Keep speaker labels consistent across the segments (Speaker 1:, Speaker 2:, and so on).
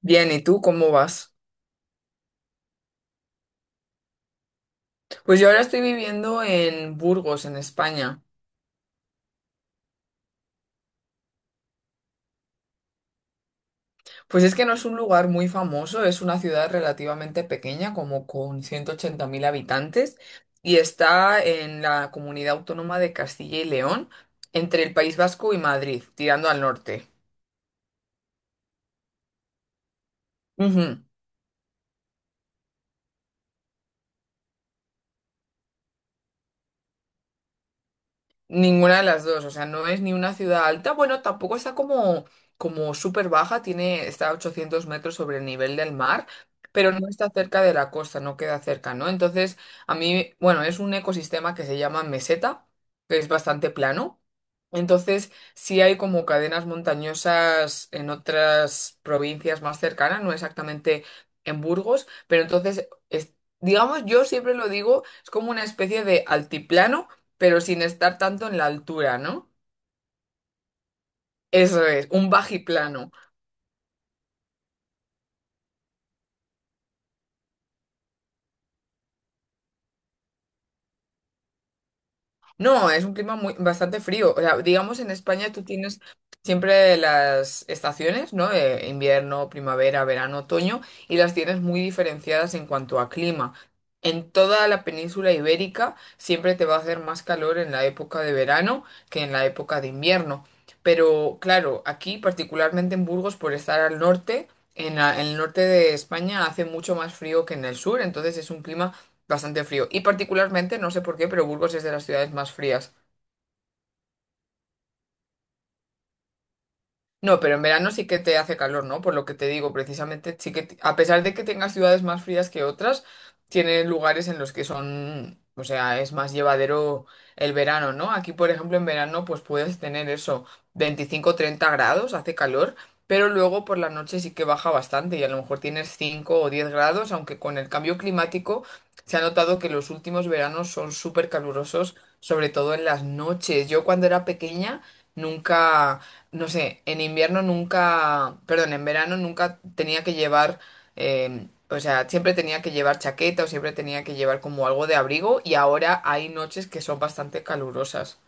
Speaker 1: Bien, ¿y tú cómo vas? Pues yo ahora estoy viviendo en Burgos, en España. Pues es que no es un lugar muy famoso, es una ciudad relativamente pequeña, como con 180.000 habitantes, y está en la comunidad autónoma de Castilla y León, entre el País Vasco y Madrid, tirando al norte. Ujú. Ninguna de las dos, o sea, no es ni una ciudad alta, bueno, tampoco está como súper baja, está a 800 metros sobre el nivel del mar, pero no está cerca de la costa, no queda cerca, ¿no? Entonces, a mí, bueno, es un ecosistema que se llama meseta, que es bastante plano, entonces sí hay como cadenas montañosas en otras provincias más cercanas, no exactamente en Burgos, pero entonces, digamos, yo siempre lo digo, es como una especie de altiplano pero sin estar tanto en la altura, ¿no? Eso es, un bajiplano. No, es un clima muy, bastante frío. O sea, digamos, en España tú tienes siempre las estaciones, ¿no? Invierno, primavera, verano, otoño, y las tienes muy diferenciadas en cuanto a clima. En toda la península ibérica siempre te va a hacer más calor en la época de verano que en la época de invierno. Pero claro, aquí, particularmente en Burgos, por estar al norte, en el norte de España hace mucho más frío que en el sur, entonces es un clima bastante frío. Y particularmente, no sé por qué, pero Burgos es de las ciudades más frías. No, pero en verano sí que te hace calor, ¿no? Por lo que te digo, precisamente, sí que, a pesar de que tengas ciudades más frías que otras, tiene lugares en los que son, o sea, es más llevadero el verano, ¿no? Aquí, por ejemplo, en verano, pues puedes tener eso, 25 30 grados, hace calor, pero luego por la noche sí que baja bastante y a lo mejor tienes 5 o 10 grados, aunque con el cambio climático se ha notado que los últimos veranos son súper calurosos, sobre todo en las noches. Yo cuando era pequeña, nunca, no sé, en invierno nunca, perdón, en verano nunca tenía que llevar, o sea, siempre tenía que llevar chaqueta o siempre tenía que llevar como algo de abrigo y ahora hay noches que son bastante calurosas.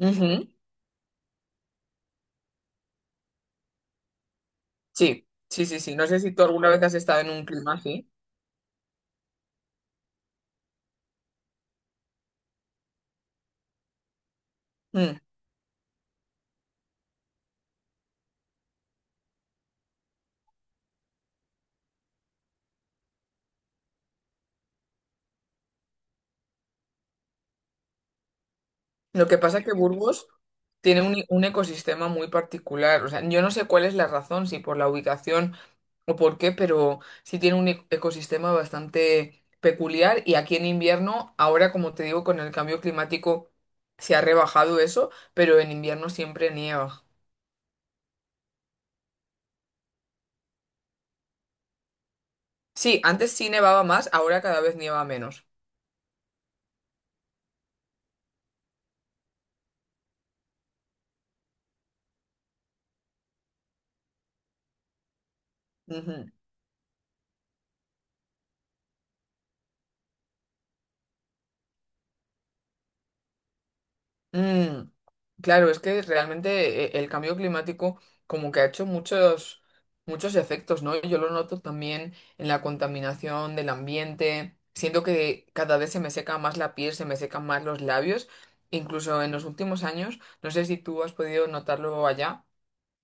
Speaker 1: Ujú. Sí, sí, sí, sí. No sé si tú alguna vez has estado en un clima así. Mm. Lo que pasa es que Burgos tiene un ecosistema muy particular. O sea, yo no sé cuál es la razón, si por la ubicación o por qué, pero sí tiene ecosistema bastante peculiar y aquí en invierno, ahora como te digo, con el cambio climático se ha rebajado eso, pero en invierno siempre nieva. Sí, antes sí nevaba más, ahora cada vez nieva menos. Ujú. Mm, claro, es que realmente el cambio climático como que ha hecho muchos, muchos efectos, ¿no? Yo lo noto también en la contaminación del ambiente. Siento que cada vez se me seca más la piel, se me secan más los labios. Incluso en los últimos años, no sé si tú has podido notarlo allá,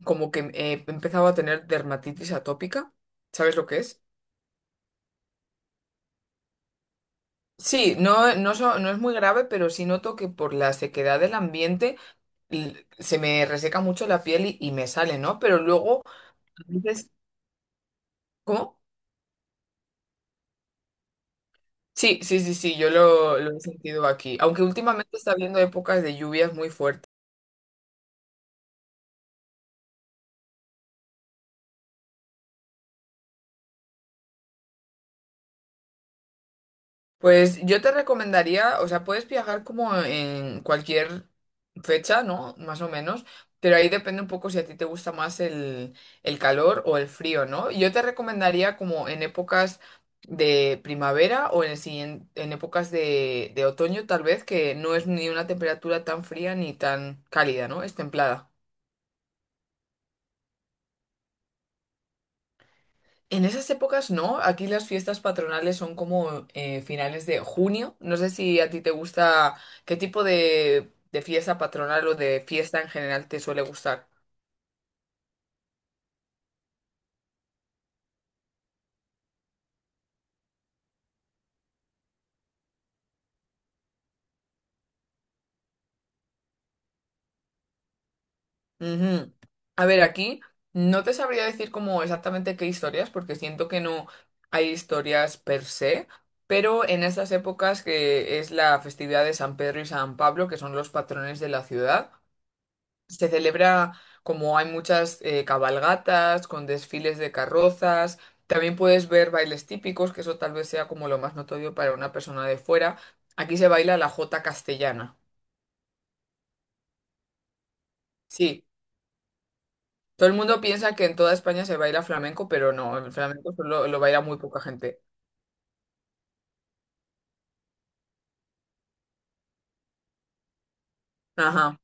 Speaker 1: como que he empezado a tener dermatitis atópica. ¿Sabes lo que es? Sí, no, no, no es muy grave, pero sí noto que por la sequedad del ambiente se me reseca mucho la piel y me sale, ¿no? Pero luego, a veces, ¿cómo? Sí, sí, sí, sí, yo lo he sentido aquí. Aunque últimamente está habiendo épocas de lluvias muy fuertes. Pues yo te recomendaría, o sea, puedes viajar como en cualquier fecha, ¿no? Más o menos, pero ahí depende un poco si a ti te gusta más el calor o el frío, ¿no? Yo te recomendaría como en épocas de primavera o en épocas de otoño, tal vez, que no es ni una temperatura tan fría ni tan cálida, ¿no? Es templada. En esas épocas no, aquí las fiestas patronales son como finales de junio. No sé si a ti te gusta, qué tipo de fiesta patronal o de fiesta en general te suele gustar. Ujú. A ver, aquí no te sabría decir como exactamente qué historias, porque siento que no hay historias per se, pero en estas épocas que es la festividad de San Pedro y San Pablo, que son los patrones de la ciudad. Se celebra como hay muchas cabalgatas con desfiles de carrozas. También puedes ver bailes típicos, que eso tal vez sea como lo más notorio para una persona de fuera. Aquí se baila la jota castellana. Sí, todo el mundo piensa que en toda España se baila flamenco, pero no, el flamenco solo lo baila muy poca gente. Ajá.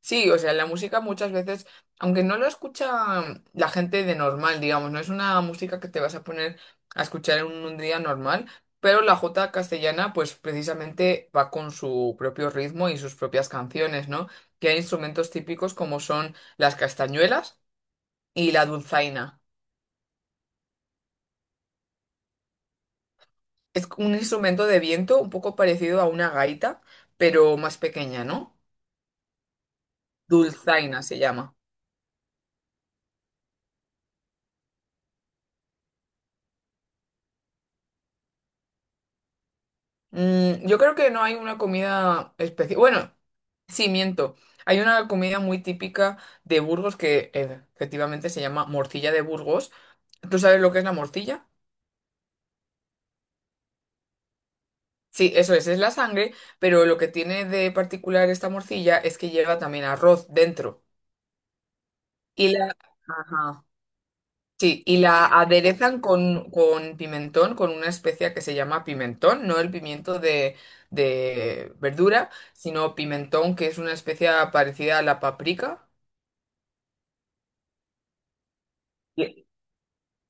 Speaker 1: Sí, o sea, la música muchas veces, aunque no lo escucha la gente de normal, digamos, no es una música que te vas a poner a escuchar en un día normal, pero la jota castellana, pues precisamente va con su propio ritmo y sus propias canciones, ¿no? Que hay instrumentos típicos como son las castañuelas y la dulzaina. Es un instrumento de viento un poco parecido a una gaita, pero más pequeña, ¿no? Dulzaina se llama. Yo creo que no hay una comida específica. Bueno, sí, miento. Hay una comida muy típica de Burgos que efectivamente se llama morcilla de Burgos. ¿Tú sabes lo que es la morcilla? Sí, eso es la sangre, pero lo que tiene de particular esta morcilla es que lleva también arroz dentro. Y la... Ajá. Sí, y la aderezan con pimentón, con una especia que se llama pimentón, no el pimiento de verdura, sino pimentón, que es una especia parecida a la paprika. Y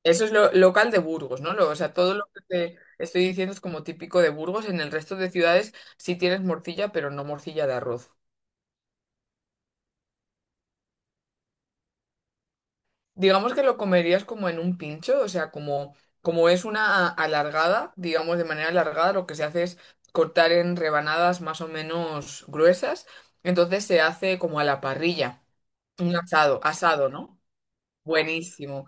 Speaker 1: eso es lo local de Burgos, ¿no? O sea, todo lo que te estoy diciendo es como típico de Burgos. En el resto de ciudades sí tienes morcilla, pero no morcilla de arroz. Digamos que lo comerías como en un pincho, o sea, como es una alargada, digamos de manera alargada, lo que se hace es cortar en rebanadas más o menos gruesas, entonces se hace como a la parrilla, un asado, asado, ¿no? Buenísimo.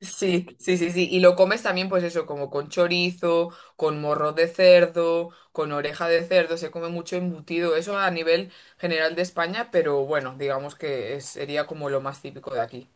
Speaker 1: Sí, sí, sí, sí. Y lo comes también, pues eso, como con chorizo, con morro de cerdo, con oreja de cerdo, se come mucho embutido, eso a nivel general de España, pero bueno, digamos que sería como lo más típico de aquí.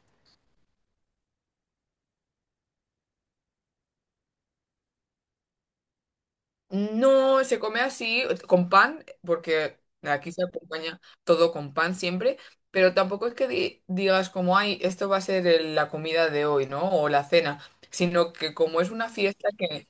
Speaker 1: No, se come así, con pan, porque aquí se acompaña todo con pan siempre, pero tampoco es que digas como, ay, esto va a ser la comida de hoy, ¿no? O la cena, sino que como es una fiesta.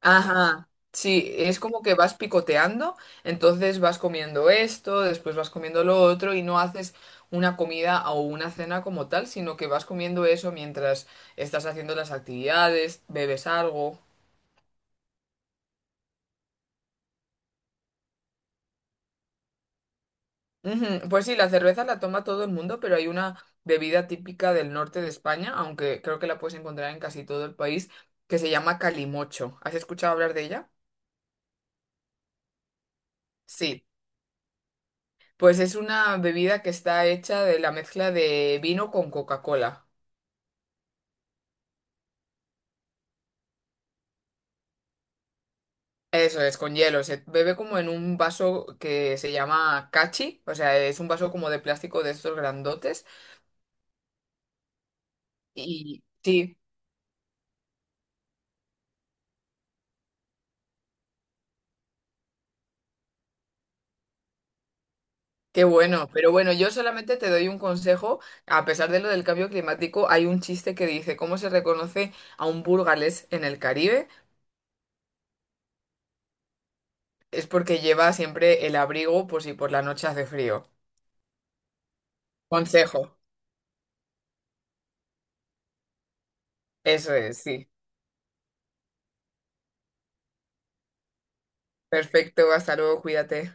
Speaker 1: Ajá, sí, es como que vas picoteando, entonces vas comiendo esto, después vas comiendo lo otro y no haces una comida o una cena como tal, sino que vas comiendo eso mientras estás haciendo las actividades, bebes algo. Ujú, pues sí, la cerveza la toma todo el mundo, pero hay una bebida típica del norte de España, aunque creo que la puedes encontrar en casi todo el país, que se llama calimocho. ¿Has escuchado hablar de ella? Sí, pues es una bebida que está hecha de la mezcla de vino con Coca-Cola. Eso es, con hielo. Se bebe como en un vaso que se llama cachi, o sea, es un vaso como de plástico de estos grandotes. Y sí. Qué bueno, pero bueno, yo solamente te doy un consejo. A pesar de lo del cambio climático, hay un chiste que dice, ¿cómo se reconoce a un burgalés en el Caribe? Es porque lleva siempre el abrigo por si por la noche hace frío. Consejo, eso es, sí. Perfecto, hasta luego, cuídate.